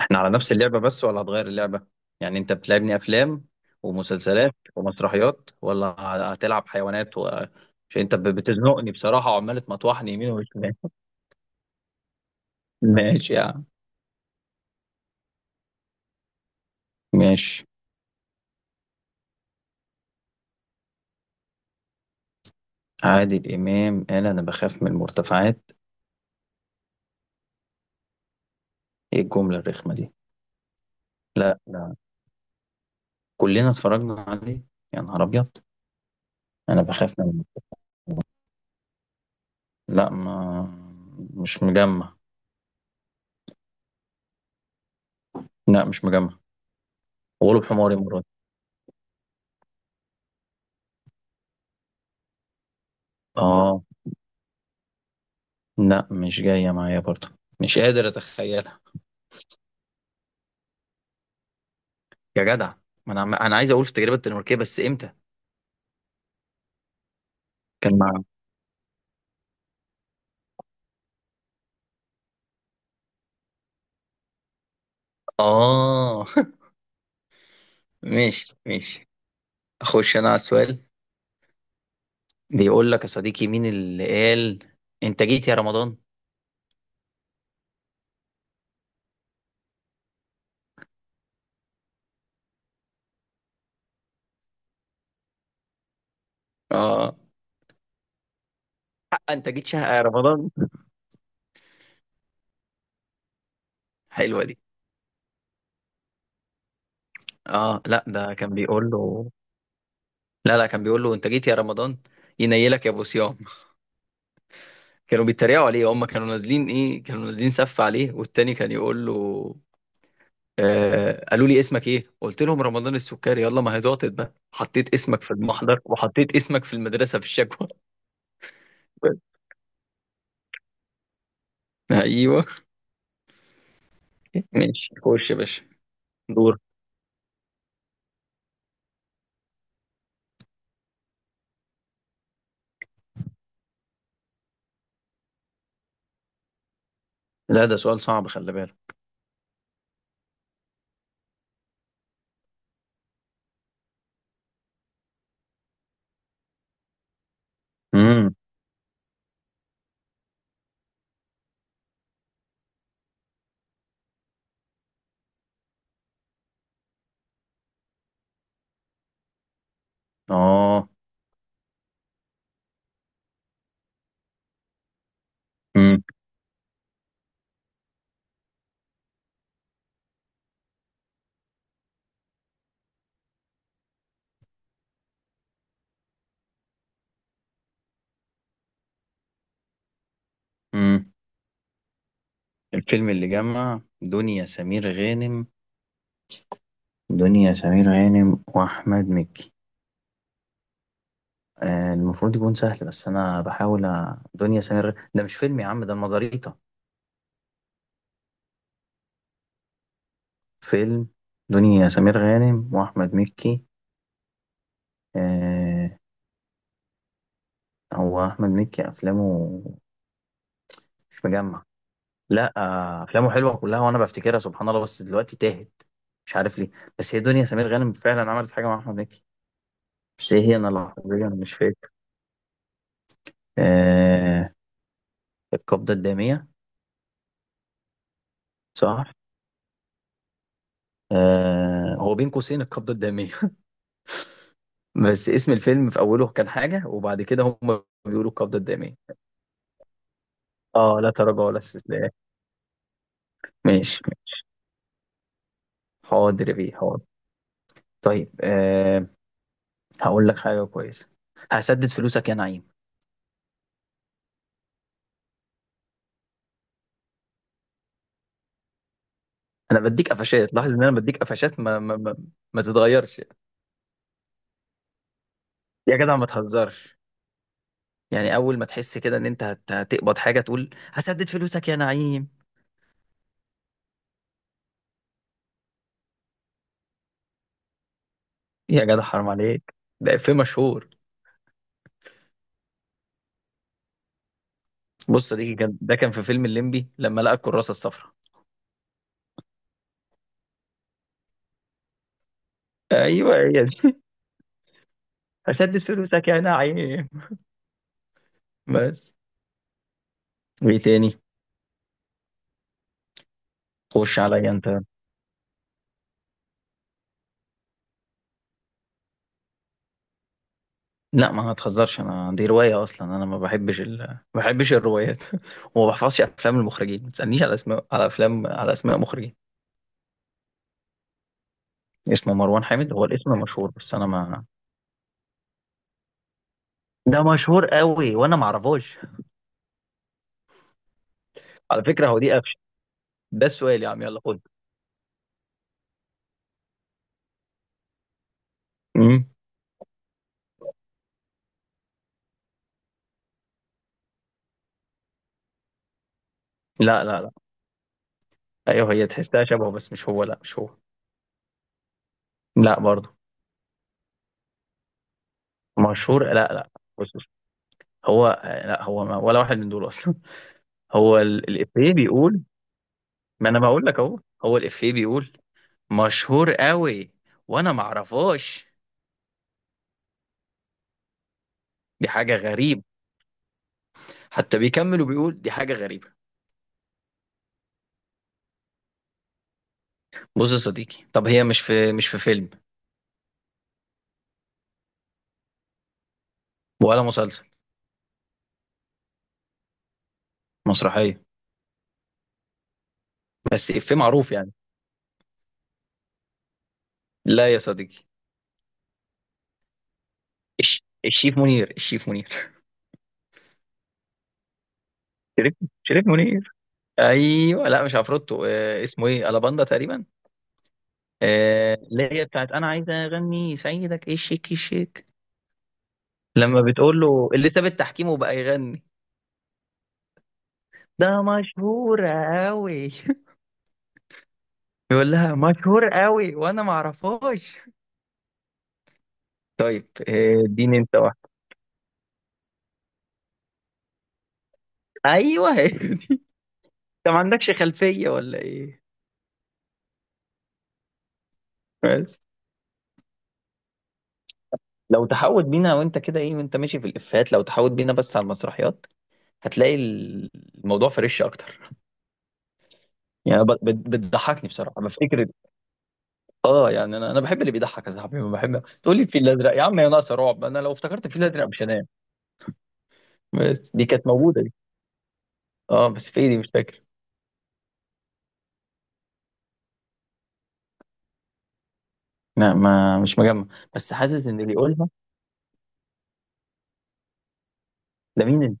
احنا على نفس اللعبة بس ولا هتغير اللعبة؟ يعني انت بتلعبني افلام ومسلسلات ومسرحيات ولا هتلعب حيوانات. عشان انت بتزنقني بصراحة وعمال تمطوحني يمين وشمال. ماشي يا عم. ماشي. عادل امام قال انا بخاف من المرتفعات. ايه الجملة الرخمة دي؟ لا لا. كلنا اتفرجنا عليه. يا نهار ابيض. انا بخاف من. لا ما. مش مجمع. لا مش مجمع. غلب حماري مراد. اه، لا مش جاية معايا برضه. مش قادر اتخيلها. يا جدع، ما انا انا عايز اقول في التجربه الدنماركيه بس امتى. كان مع. اه. ماشي ماشي. اخش انا على السؤال. بيقول لك يا صديقي، مين اللي قال انت جيت يا رمضان. اه. حق انت جيت شهق يا رمضان. حلوه دي. اه لا، ده كان بيقول له. لا لا، كان بيقول له انت جيت يا رمضان. ينيلك يا ابو صيام. كانوا بيتريقوا عليه، هم كانوا نازلين ايه، كانوا نازلين سف عليه والتاني كان يقول له: آه قالوا لي اسمك ايه، قلت لهم رمضان السكري، يلا ما هي زاطت بقى، حطيت اسمك في المحضر وحطيت اسمك في المدرسة في الشكوى. ايوه. ماشي، خش يا باشا. دور. لا ده سؤال صعب، خلي بالك. امم. اه. امم. امم. الفيلم اللي جمع دنيا سمير غانم. دنيا سمير غانم واحمد مكي. المفروض يكون سهل بس انا بحاول. ده مش فيلم يا عم، ده المزاريطة. فيلم. دنيا سمير غانم واحمد مكي. آه. هو احمد مكي افلامه مش مجمع. لا. افلامه حلوه كلها وانا بفتكرها سبحان الله بس دلوقتي تاهت. مش عارف ليه. بس هي دنيا سمير غانم فعلا عملت حاجه مع احمد مكي. بس ايه هي، انا لحظيا مش فاكر. آه. القبضه الداميه. صح. هو بين قوسين القبضه الداميه. بس اسم الفيلم في اوله كان حاجه وبعد كده هم بيقولوا القبضه الداميه. اه، لا تراجع ولا استسلام. ماشي. حاضر يا بيه حاضر. طيب. هقول لك حاجه كويسه. هسدد فلوسك يا نعيم. انا بديك قفشات، لاحظ ان انا بديك قفشات. ما تتغيرش. يا جدع ما تهزرش. يعني اول ما تحس كده ان انت هتقبض حاجه تقول هسدد فلوسك يا نعيم. يا جدع حرام عليك. ده في مشهور. بص، دي كان ده كان في فيلم الليمبي لما لقى الكراسه الصفراء. ايوه هي دي. هسدد فلوسك يا نعيم. بس. وايه تاني. خش عليا انت. لا ما هتهزرش. انا دي روايه اصلا، انا ما بحبش. ما بحبش الروايات. وما بحفظش افلام المخرجين، ما تسالنيش على اسماء، على افلام، على اسماء مخرجين. اسمه مروان حامد، هو الاسم مشهور بس انا ما. ده مشهور قوي وانا ما اعرفوش. على فكره هو دي قفشه. ده السؤال يا عم، يلا خد. امم. لا لا لا. ايوه هي تحسها شبهه بس مش هو. لا مش هو. لا برضه. مشهور، لا لا. بص بص. هو لا هو، ما ولا واحد من دول اصلا. هو الافيه بيقول. ما انا بقول لك اهو. هو الافيه بيقول مشهور قوي وانا ما اعرفهاش. دي حاجه غريب. حتى بيكمل وبيقول دي حاجه غريبه. بص يا صديقي، طب هي مش في، مش في فيلم ولا مسلسل. مسرحيه. بس إفيه معروف يعني. لا يا صديقي. الشيف منير. الشيف منير. شريف. شريف منير. ايوه، لا مش عفروتو. آه اسمه ايه، الاباندا تقريبا. اللي هي بتاعت انا عايزه اغني سيدك، ايه الشيك الشيك. لما بتقول له اللي ساب التحكيم وبقى يغني. ده مشهور قوي. يقول لها مشهور قوي وانا ما اعرفهاش. طيب. اديني انت واحده. ايوه هي دي. انت ما عندكش خلفيه ولا ايه. بس. لو تحاول بينا وانت كده ايه، وانت ماشي في الافيهات، لو تحاول بينا بس على المسرحيات. هتلاقي الموضوع فريش اكتر. يعني بتضحكني بصراحه بفتكر. اه. يعني انا بحب اللي بيضحك يا صاحبي. ما بحب تقول لي الفيل الازرق يا عم، يا ناقصه رعب، انا لو افتكرت الفيل الازرق مش هنام. بس دي كانت موجوده دي. اه بس في ايه دي مش فاكر. لا ما، مش مجمع. بس حاسس ان اللي يقولها. لمين.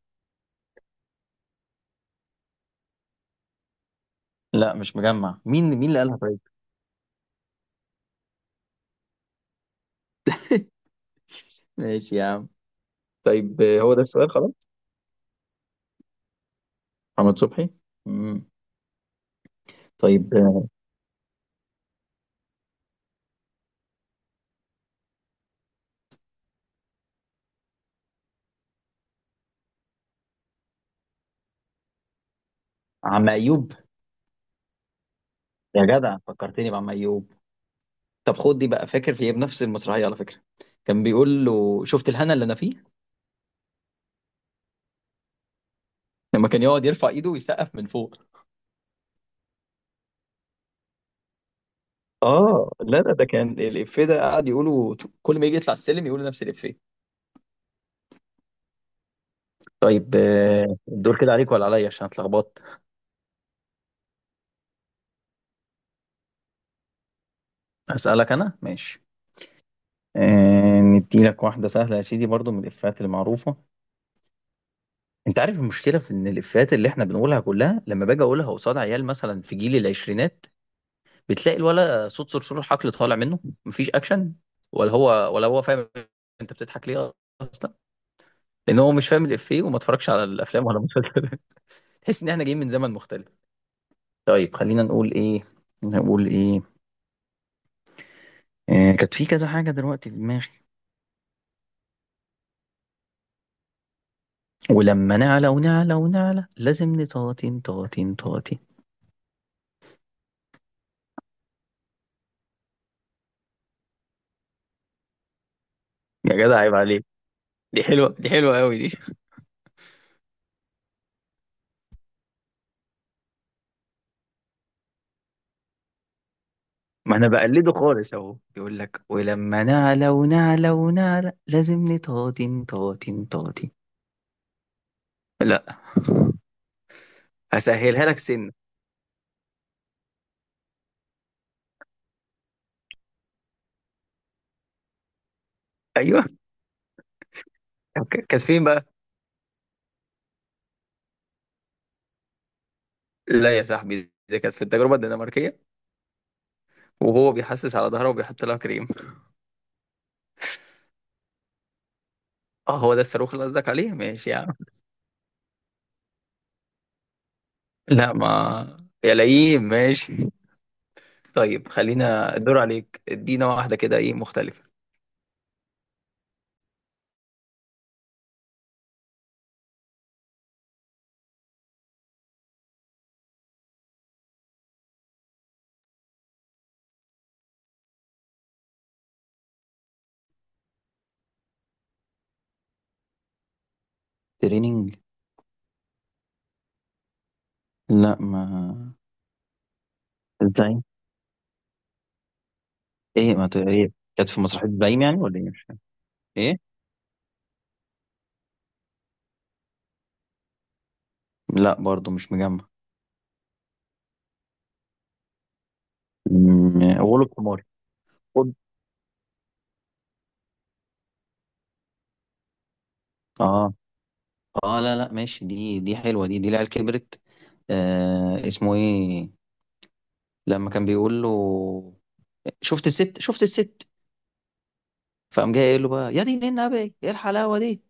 لا مش مجمع. مين مين اللي قالها طيب. ماشي يا عم. طيب. هو ده السؤال خلاص. محمد صبحي. مم. طيب. عم ايوب. يا جدع، فكرتني بعم ايوب. طب خد دي بقى. فاكر في ايه بنفس المسرحيه على فكره. كان بيقول له شفت الهنا اللي انا فيه. لما كان يقعد يرفع ايده ويسقف من فوق. اه لا لا، ده كان الافيه ده قعد يقوله. كل ما يجي يطلع السلم يقول نفس الافيه. طيب. الدور كده عليك ولا عليا عشان اتلخبطت. هسألك انا، ماشي. آه، ندي لك واحده سهله يا سيدي برضو من الافيهات المعروفه. انت عارف المشكله في ان الافيهات اللي احنا بنقولها كلها، لما باجي اقولها قصاد عيال مثلا في جيل العشرينات، بتلاقي الولا صوت صرصور الحقل طالع منه. مفيش اكشن. ولا هو ولا هو فاهم. انت بتضحك ليه اصلا. لان هو مش فاهم الافيه وما اتفرجش على الافلام ولا المسلسلات. تحس ان احنا جايين من زمن مختلف. طيب خلينا نقول ايه. نقول ايه. كانت في كذا حاجه دلوقتي في دماغي. ولما نعلى ونعلى ونعلى لازم نطاطين طاطين طاطين. يا جدع عيب عليك. دي حلوه، دي حلوه قوي دي. ما انا بقلده خالص اهو، يقول لك ولما نعلى ونعلى ونعلى لازم نطاطن طاطن طاطن. لا. هسهلها لك، سن. ايوه. أوكي. كانت فين بقى. لا يا صاحبي، دي كانت في التجربه الدنماركيه، وهو بيحسس على ظهره وبيحط لها كريم. اه هو ده الصاروخ اللي قصدك عليه. ماشي يا عم. لا ما، يا لئيم. ماشي. طيب خلينا الدور عليك. ادينا واحده كده ايه مختلفه. تريننج. لا ما. ازاي. ايه ما ت... ايه كانت في مسرحية زعيم يعني ولا ايه مش فاهم. ايه. لا برضو مش مجمع. غلب حماري. خد. اه اه لا لا ماشي. دي حلوه، دي العيال كبرت. اسمه ايه لما كان بيقول له شفت الست شفت الست فقام جاي قايل له بقى يا دين النبي ايه الحلاوه دي.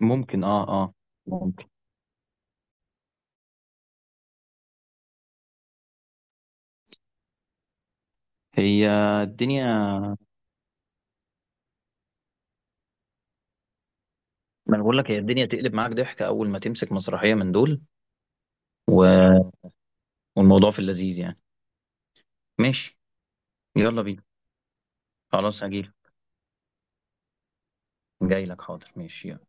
ممكن اه اه ممكن. هي الدنيا. ما انا بقول لك، هي الدنيا تقلب معاك ضحك اول ما تمسك مسرحيه من دول و... والموضوع في اللذيذ يعني. ماشي. يلا بينا. خلاص هجيلك. جاي لك. حاضر ماشي يلا.